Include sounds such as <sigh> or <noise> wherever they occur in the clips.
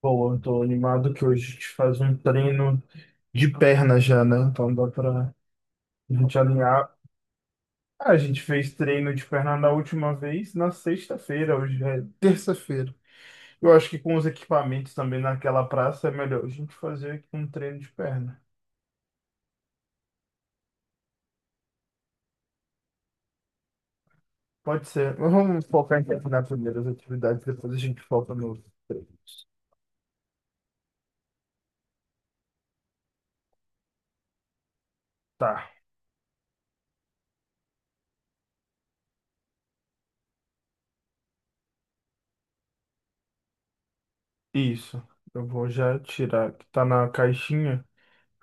Pô, eu tô animado que hoje a gente faz um treino de perna já, né? Então dá pra gente alinhar. Ah, a gente fez treino de perna na última vez, na sexta-feira, hoje é terça-feira. Eu acho que com os equipamentos também naquela praça é melhor a gente fazer aqui um treino de perna. Pode ser. Mas vamos focar em terminar primeiro as atividades, depois a gente foca nos treinos. Tá, isso. Eu vou já tirar, que tá na caixinha,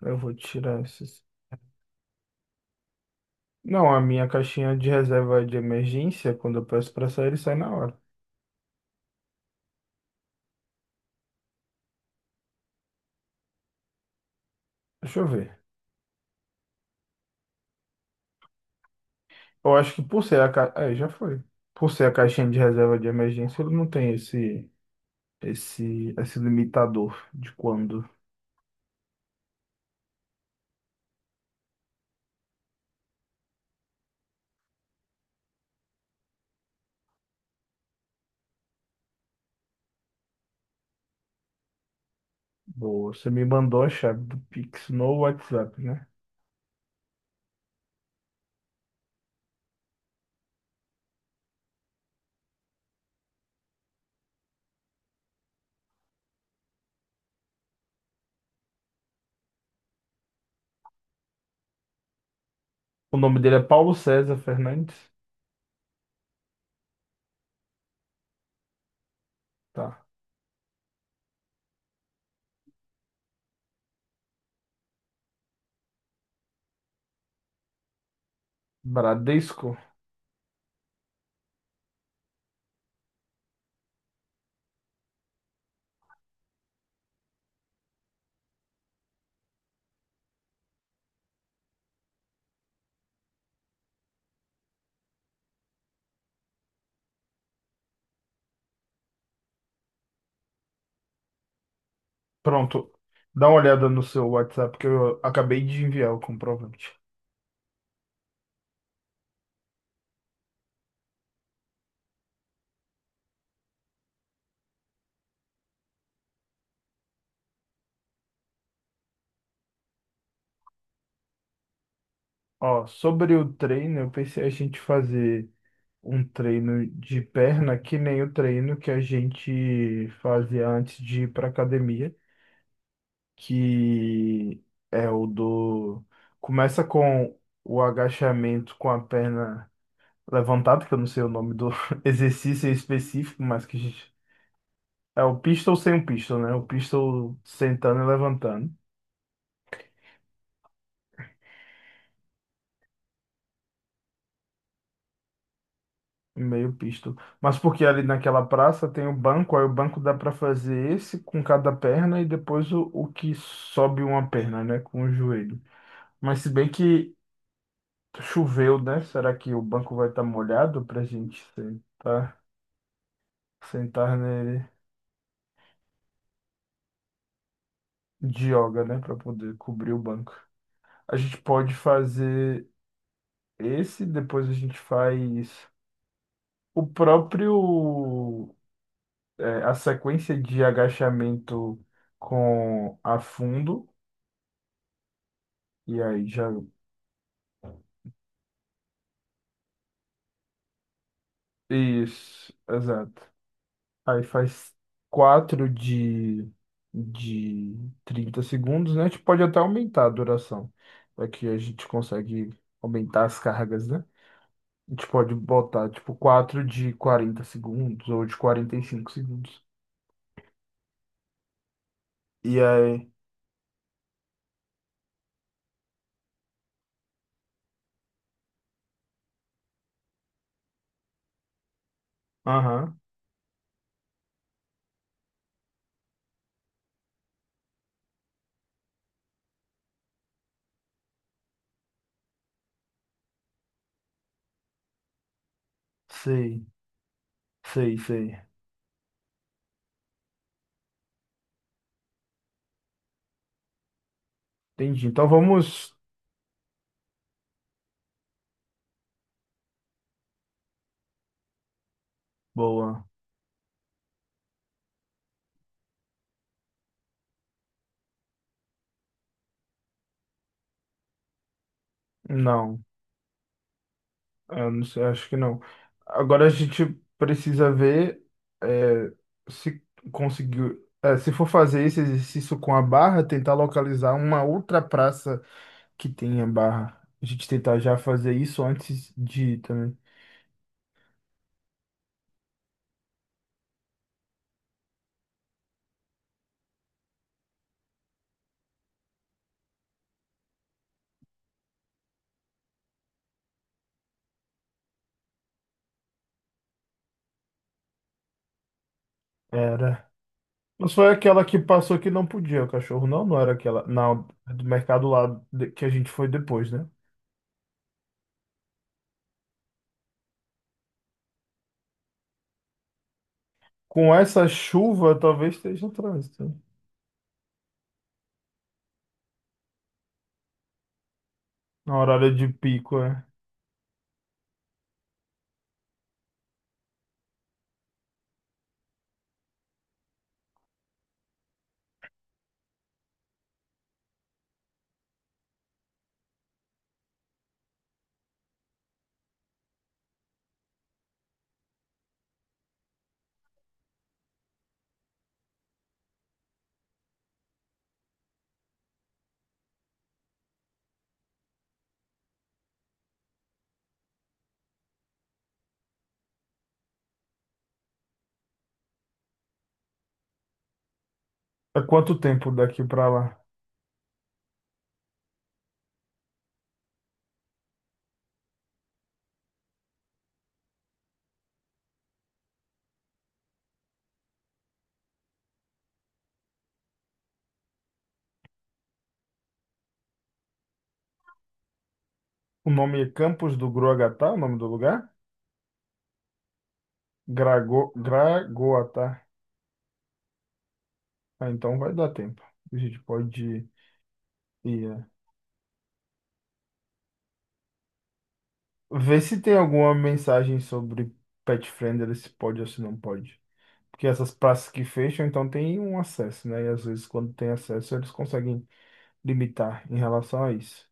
eu vou tirar esses. Não, a minha caixinha de reserva de emergência, quando eu peço para sair, ele sai na hora. Deixa eu ver. Eu acho que por ser a ca... é, já foi. Por ser a caixinha de reserva de emergência, ele não tem esse limitador de quando. Boa, você me mandou a chave do Pix no WhatsApp, né? O nome dele é Paulo César Fernandes. Tá. Bradesco. Pronto. Dá uma olhada no seu WhatsApp que eu acabei de enviar o comprovante. Ó, sobre o treino, eu pensei a gente fazer um treino de perna que nem o treino que a gente fazia antes de ir para academia, que é o do começa com o agachamento com a perna levantada, que eu não sei o nome do <laughs> exercício específico. É o pistol sem o pistol, né? O pistol sentando e levantando. Meio pisto. Mas porque ali naquela praça tem o banco, aí o banco dá para fazer esse com cada perna e depois o que sobe uma perna, né, com o joelho. Mas se bem que choveu, né? Será que o banco vai estar molhado para a gente sentar nele de yoga, né, para poder cobrir o banco? A gente pode fazer esse, depois a gente faz o próprio, é, a sequência de agachamento com afundo. E aí já. Isso, exato. Aí faz quatro de 30 segundos, né? A gente pode até aumentar a duração. Aqui a gente consegue aumentar as cargas, né? A gente pode botar tipo quatro de 40 segundos ou de 45 segundos. E aí? Aham, sei, sei, sei. Entendi. Então vamos. Boa. Não. Eu não sei, acho que não. Agora a gente precisa ver, é, se conseguiu. É, se for fazer esse exercício com a barra, tentar localizar uma outra praça que tenha barra. A gente tentar já fazer isso antes de ir também. Era. Mas foi aquela que passou que não podia, o cachorro não, não era aquela. Não, do mercado lá de- que a gente foi depois, né? Com essa chuva, talvez esteja no trânsito. Na horário de pico, é. É quanto tempo daqui pra lá? O nome é Campos do Gruagatá, o nome do lugar? Grago, Gragoatá. Ah, então vai dar tempo. A gente pode ir, é. Ver se tem alguma mensagem sobre pet friendly, se pode ou se não pode. Porque essas praças que fecham, então tem um acesso, né? E às vezes quando tem acesso, eles conseguem limitar em relação a isso.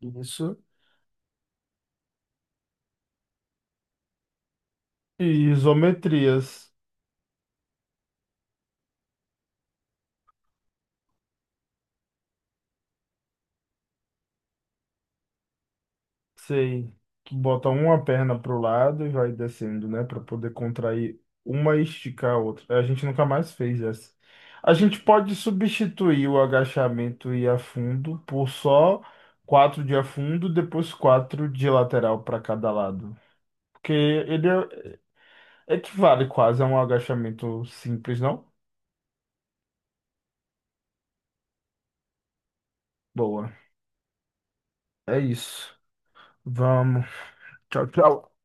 Isso. E isometrias. Sei. Tu bota uma perna pro lado e vai descendo, né? Pra poder contrair uma e esticar a outra. A gente nunca mais fez essa. A gente pode substituir o agachamento e afundo por só quatro de afundo, depois quatro de lateral para cada lado. Porque ele é- equivale quase a um agachamento simples, não? Boa. É isso. Vamos. Tchau, tchau.